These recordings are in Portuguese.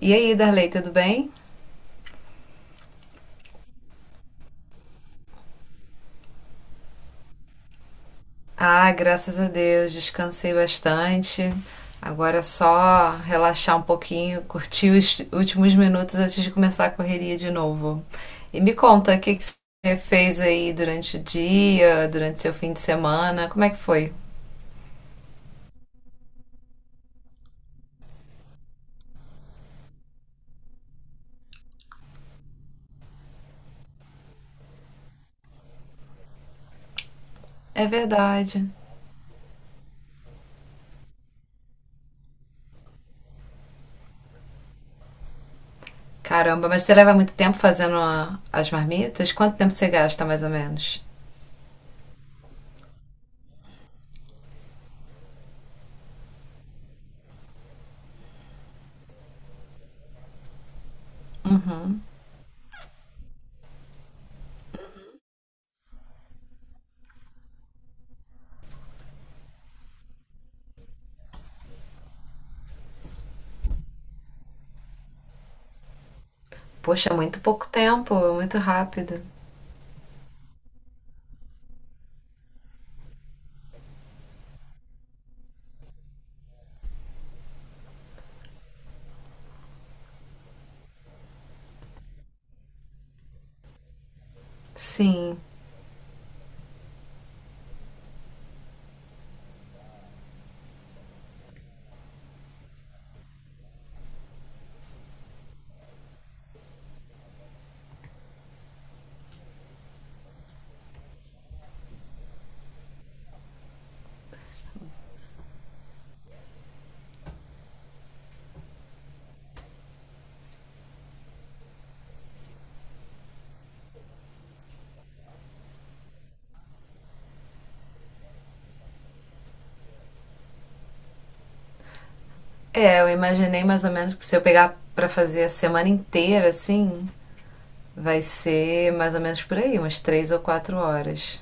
E aí, Darley, tudo bem? Ah, graças a Deus, descansei bastante. Agora é só relaxar um pouquinho, curtir os últimos minutos antes de começar a correria de novo. E me conta, o que você fez aí durante o dia, durante seu fim de semana? Como é que foi? É verdade. Caramba, mas você leva muito tempo fazendo as marmitas? Quanto tempo você gasta, mais ou menos? Poxa, muito pouco tempo, muito rápido. Sim. É, eu imaginei mais ou menos que se eu pegar pra fazer a semana inteira, assim, vai ser mais ou menos por aí, umas três ou quatro horas.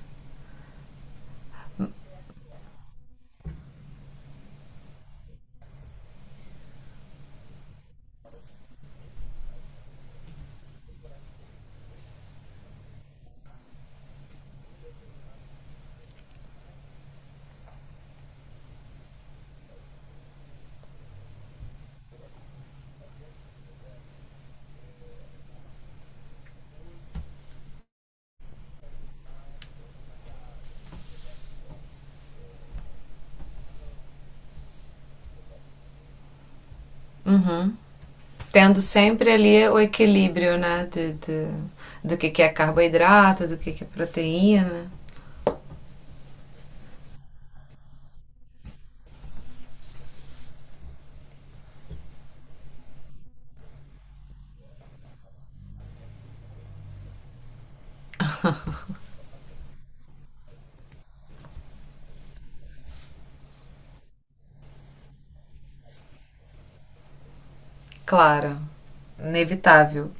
Tendo sempre ali o equilíbrio, né? Do que é carboidrato, do que é proteína. Claro, inevitável.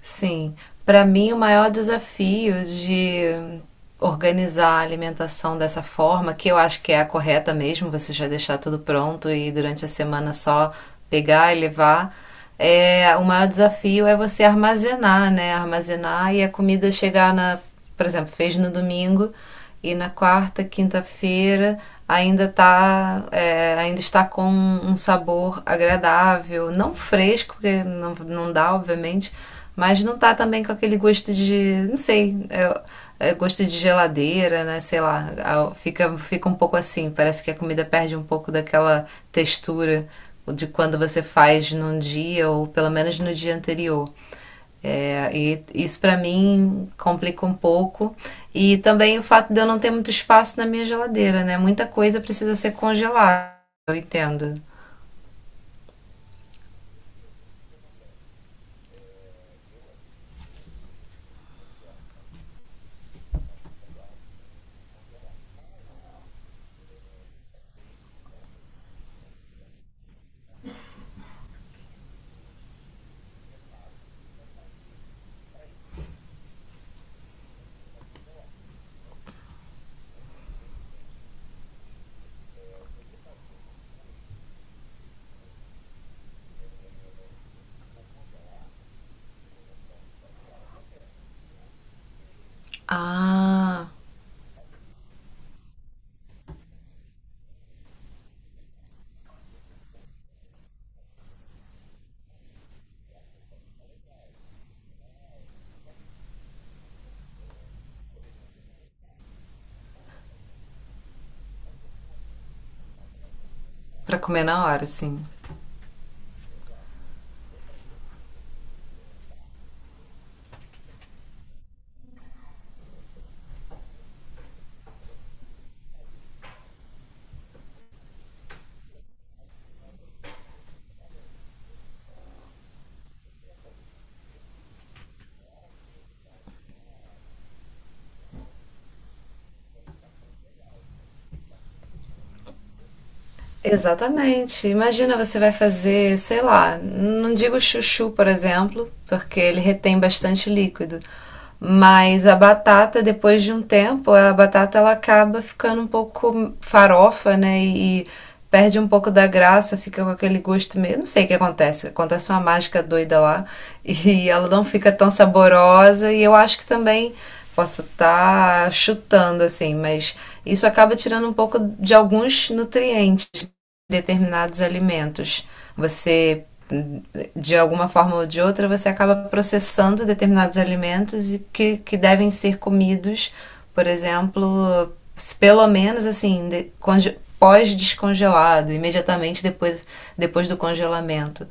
Sim, para mim o maior desafio de organizar a alimentação dessa forma, que eu acho que é a correta mesmo, você já deixar tudo pronto e durante a semana só pegar e levar, o maior desafio é você armazenar, né? Armazenar e a comida chegar na, por exemplo, fez no domingo e na quarta, quinta-feira ainda tá, ainda está com um sabor agradável, não fresco, porque não, não dá, obviamente, mas não tá também com aquele gosto de, não sei, é gosto de geladeira, né? Sei lá, fica, fica um pouco assim, parece que a comida perde um pouco daquela textura de quando você faz num dia ou pelo menos no dia anterior. É, e isso para mim complica um pouco. E também o fato de eu não ter muito espaço na minha geladeira, né? Muita coisa precisa ser congelada, eu entendo. Ah, para comer na hora, sim. Exatamente. Imagina você vai fazer, sei lá, não digo chuchu, por exemplo, porque ele retém bastante líquido, mas a batata, depois de um tempo, a batata ela acaba ficando um pouco farofa, né? E perde um pouco da graça, fica com aquele gosto meio. Não sei o que acontece, acontece uma mágica doida lá e ela não fica tão saborosa. E eu acho que também posso estar chutando assim, mas isso acaba tirando um pouco de alguns nutrientes determinados alimentos. Você, de alguma forma ou de outra, você acaba processando determinados alimentos que devem ser comidos, por exemplo, pelo menos assim, pós-descongelado, imediatamente depois, depois do congelamento.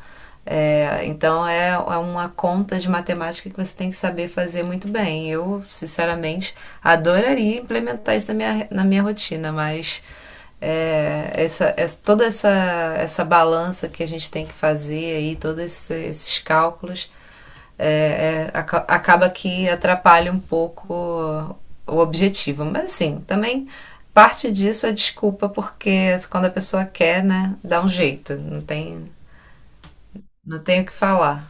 É, então é, é uma conta de matemática que você tem que saber fazer muito bem. Eu, sinceramente, adoraria implementar isso na minha rotina, mas é, essa, essa, toda essa, essa balança que a gente tem que fazer aí, esses cálculos, é, é, acaba que atrapalha um pouco o objetivo. Mas assim, também parte disso é desculpa, porque quando a pessoa quer, né, dá um jeito, não tem, não tem o que falar.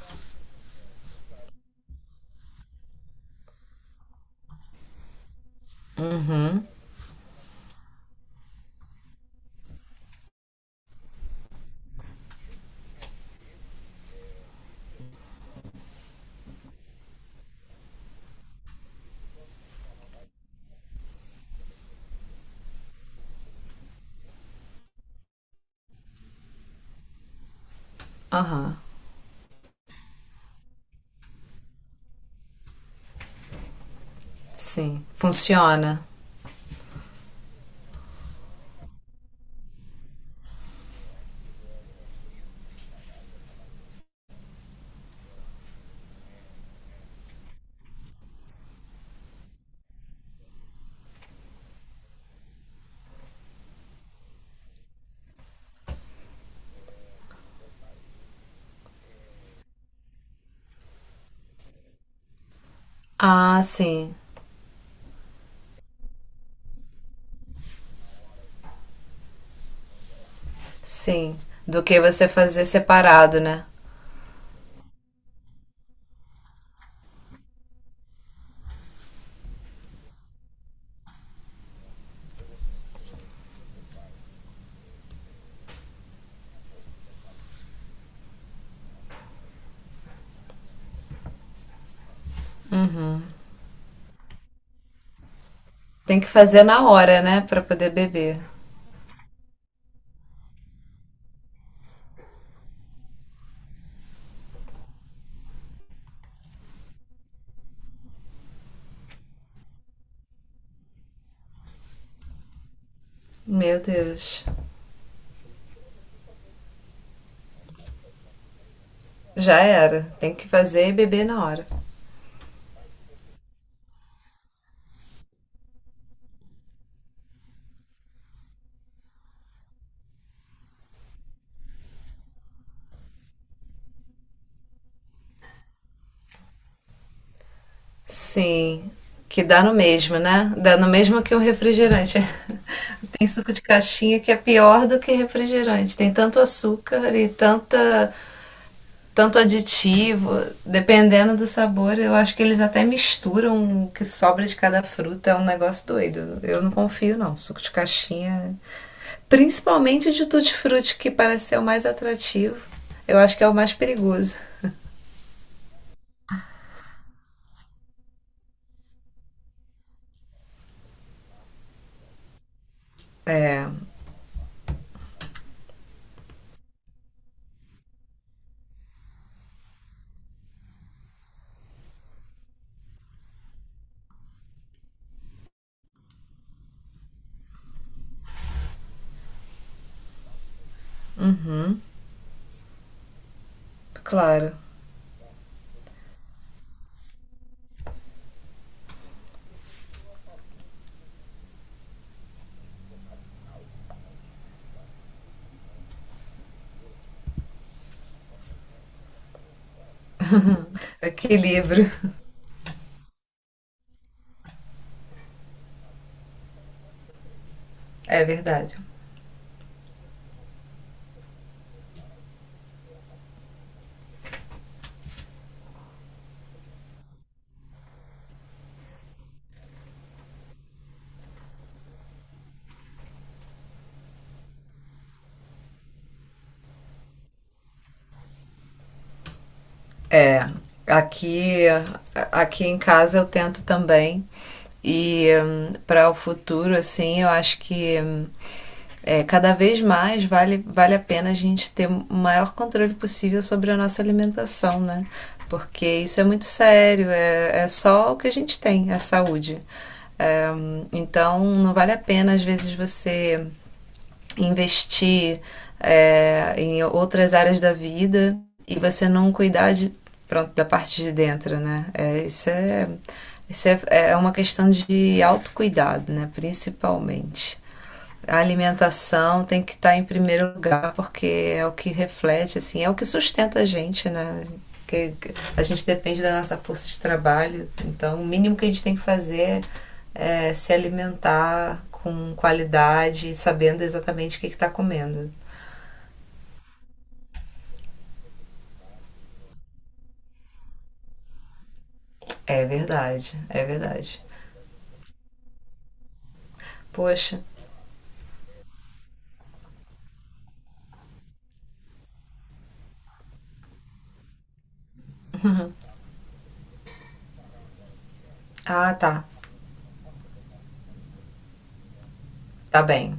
Aham, uhum, sim, funciona. Ah, sim, sim. Do que você fazer separado, né? Tem que fazer na hora, né, pra poder beber. Meu Deus. Já era. Tem que fazer e beber na hora. Sim. Que dá no mesmo, né? Dá no mesmo que um refrigerante. Tem suco de caixinha que é pior do que refrigerante. Tem tanto açúcar e tanta, tanto aditivo. Dependendo do sabor, eu acho que eles até misturam o que sobra de cada fruta. É um negócio doido. Eu não confio, não. Suco de caixinha. Principalmente o de tutti-frutti, que parece ser o mais atrativo. Eu acho que é o mais perigoso. Claro. Equilíbrio, é verdade. É, aqui, aqui em casa eu tento também. E para o futuro, assim, eu acho que é, cada vez mais vale, vale a pena a gente ter o maior controle possível sobre a nossa alimentação, né? Porque isso é muito sério, é, é só o que a gente tem, a saúde. Então, não vale a pena, às vezes, você investir em outras áreas da vida e você não cuidar de, pronto, da parte de dentro, né? Isso é, é uma questão de autocuidado, né? Principalmente a alimentação tem que estar em primeiro lugar, porque é o que reflete, assim, é o que sustenta a gente, né? Que a gente depende da nossa força de trabalho, então o mínimo que a gente tem que fazer é se alimentar com qualidade, sabendo exatamente o que está comendo. É verdade, é verdade. Poxa, ah tá, tá bem.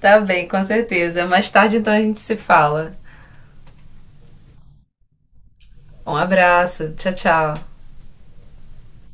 Tá bem, com certeza. Mais tarde então a gente se fala. Um abraço, tchau, tchau.